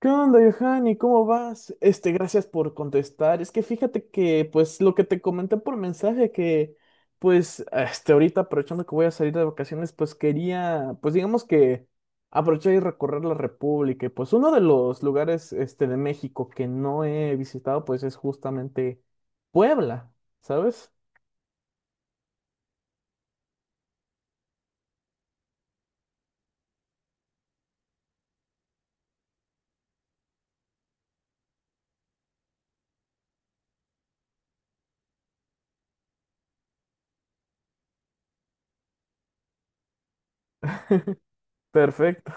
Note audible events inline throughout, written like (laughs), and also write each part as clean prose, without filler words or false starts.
¿Qué onda, Johanny? ¿Cómo vas? Gracias por contestar. Es que fíjate que, pues, lo que te comenté por mensaje, que, pues, ahorita aprovechando que voy a salir de vacaciones, pues quería, pues, digamos que aprovechar y recorrer la República. Y, pues, uno de los lugares, de México que no he visitado, pues, es justamente Puebla, ¿sabes? Perfecto.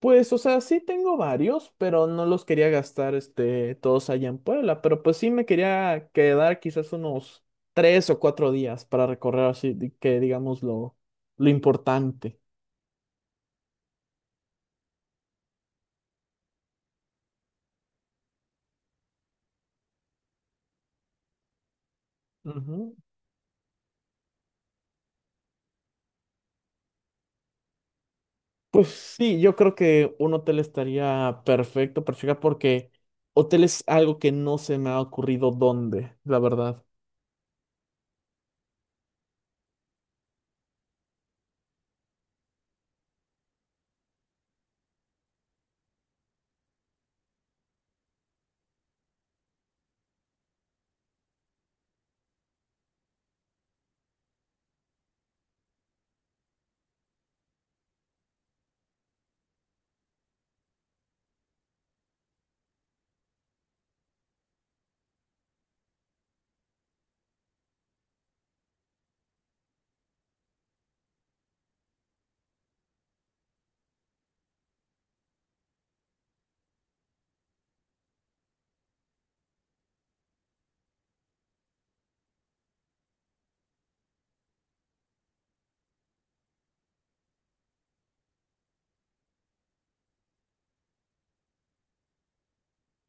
Pues, o sea, sí tengo varios, pero no los quería gastar, todos allá en Puebla, pero pues sí me quería quedar quizás unos tres o cuatro días para recorrer así, que digamos lo importante. Ujú. Pues sí, yo creo que un hotel estaría perfecto, perfecto, porque hotel es algo que no se me ha ocurrido dónde, la verdad.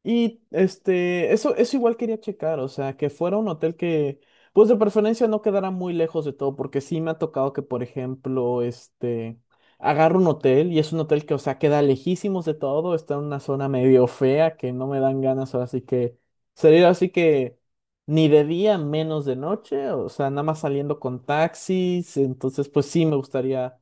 Y este, eso igual quería checar, o sea, que fuera un hotel que, pues de preferencia no quedara muy lejos de todo, porque sí me ha tocado que, por ejemplo, agarro un hotel y es un hotel que, o sea, queda lejísimos de todo, está en una zona medio fea que no me dan ganas, ahora sí que salir así que ni de día, menos de noche, o sea, nada más saliendo con taxis, entonces, pues sí me gustaría.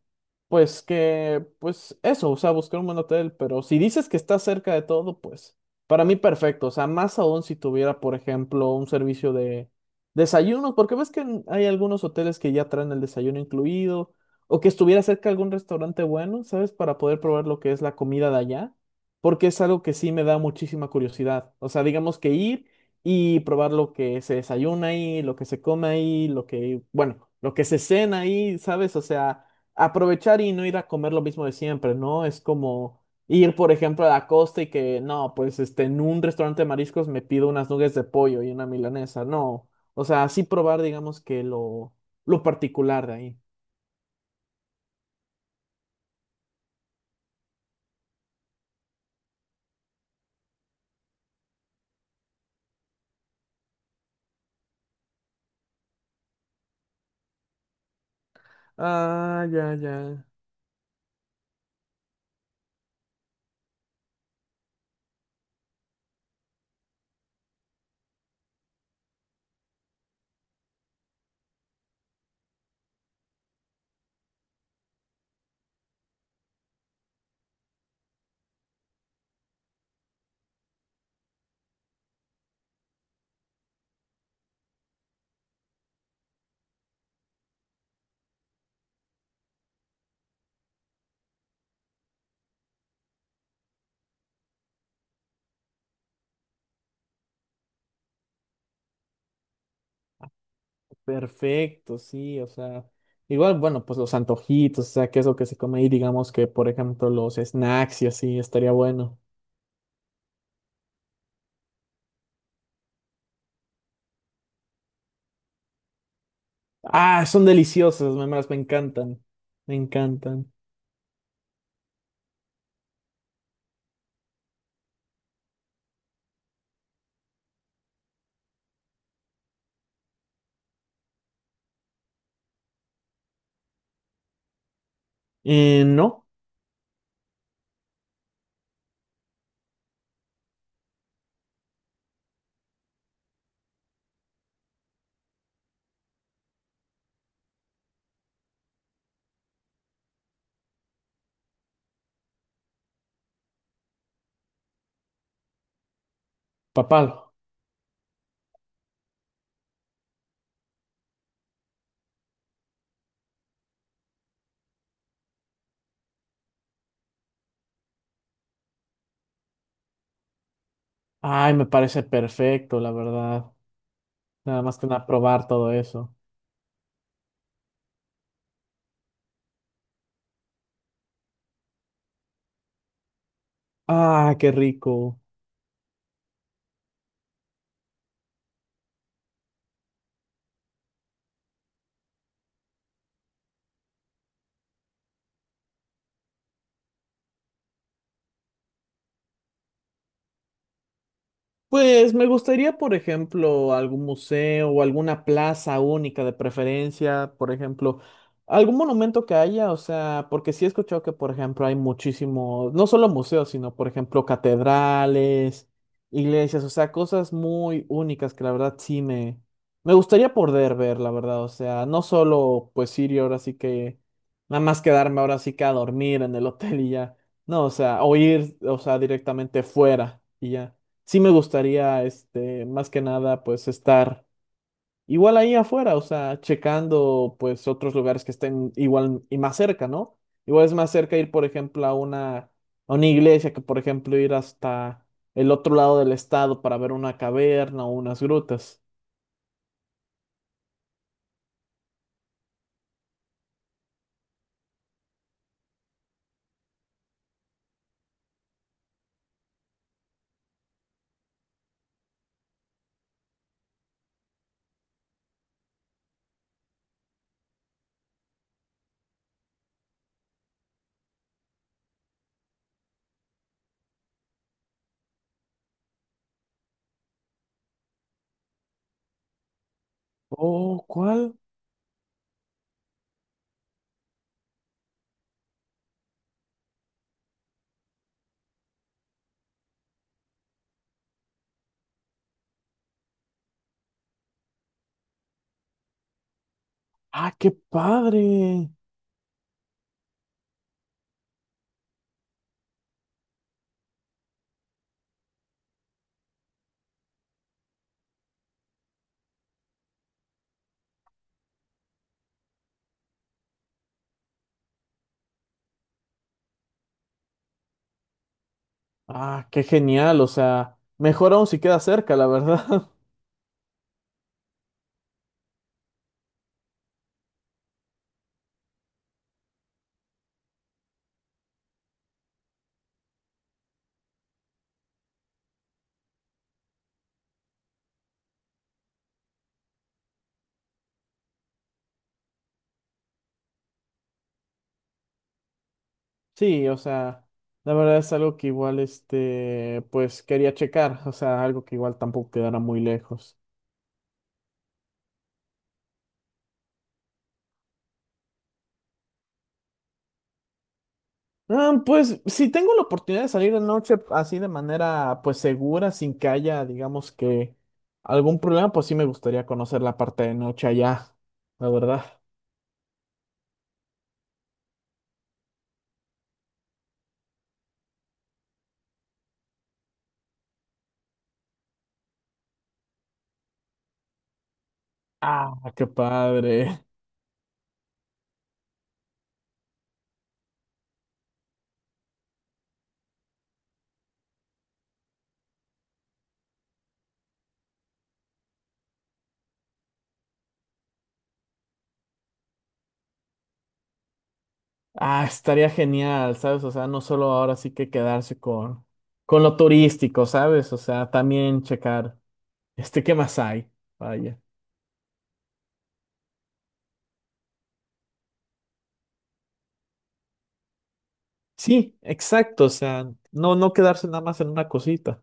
Pues que, pues eso, o sea, buscar un buen hotel, pero si dices que está cerca de todo, pues para mí perfecto, o sea, más aún si tuviera, por ejemplo, un servicio de desayunos, porque ves que hay algunos hoteles que ya traen el desayuno incluido, o que estuviera cerca algún restaurante bueno, ¿sabes? Para poder probar lo que es la comida de allá, porque es algo que sí me da muchísima curiosidad. O sea, digamos que ir y probar lo que se desayuna ahí, lo que se come ahí, lo que, bueno, lo que se cena ahí, ¿sabes? O sea, aprovechar y no ir a comer lo mismo de siempre, ¿no? Es como ir, por ejemplo, a la costa y que no, pues este, en un restaurante de mariscos me pido unas nuggets de pollo y una milanesa. No. O sea, así probar, digamos, que lo particular de ahí. Ah, ya, ya. Perfecto, sí, o sea. Igual, bueno, pues los antojitos, o sea, qué es lo que se come ahí, digamos que, por ejemplo, los snacks y así, estaría bueno. Ah, son deliciosos, me encantan, me encantan. No, papalo. Ay, me parece perfecto, la verdad. Nada más que nada probar todo eso. Ah, qué rico. Pues me gustaría, por ejemplo, algún museo o alguna plaza única de preferencia, por ejemplo, algún monumento que haya, o sea, porque sí he escuchado que, por ejemplo, hay muchísimos, no solo museos, sino, por ejemplo, catedrales, iglesias, o sea, cosas muy únicas que la verdad sí me gustaría poder ver, la verdad, o sea, no solo pues ir y ahora sí que, nada más quedarme ahora sí que a dormir en el (laughs) hotel y ya, no, o sea, o ir, o sea, directamente fuera y ya sí me gustaría, más que nada, pues estar igual ahí afuera, o sea, checando, pues, otros lugares que estén igual y más cerca, ¿no? Igual es más cerca ir, por ejemplo, a una iglesia que, por ejemplo, ir hasta el otro lado del estado para ver una caverna o unas grutas. Oh, ¿cuál? Ah, qué padre. Ah, qué genial, o sea, mejor aún si queda cerca, la verdad. (laughs) Sí, o sea, la verdad es algo que igual, pues quería checar, o sea, algo que igual tampoco quedara muy lejos. Ah, pues si tengo la oportunidad de salir de noche así de manera, pues segura, sin que haya, digamos que algún problema, pues sí me gustaría conocer la parte de noche allá, la verdad. Ah, qué padre. Ah, estaría genial, ¿sabes? O sea, no solo ahora sí que quedarse con lo turístico, ¿sabes? O sea, también checar, ¿qué más hay? Vaya. Sí, exacto, o sea, no, no quedarse nada más en una cosita.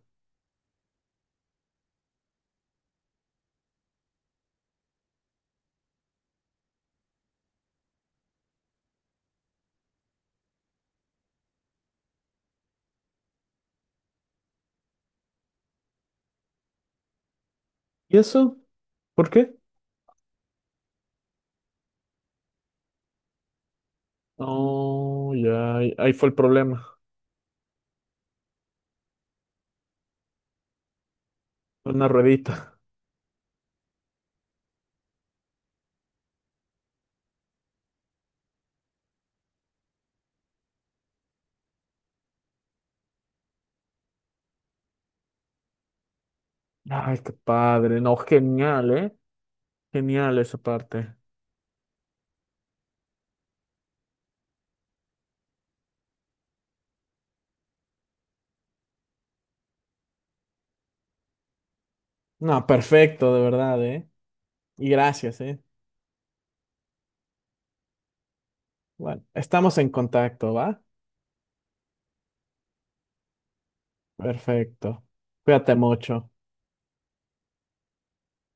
¿Y eso? ¿Por qué? No, ya, ahí fue el problema, una ruedita. Ay, qué padre, no, genial, ¿eh? Genial esa parte. No, perfecto, de verdad, ¿eh? Y gracias, ¿eh? Bueno, estamos en contacto, ¿va? Perfecto. Cuídate mucho.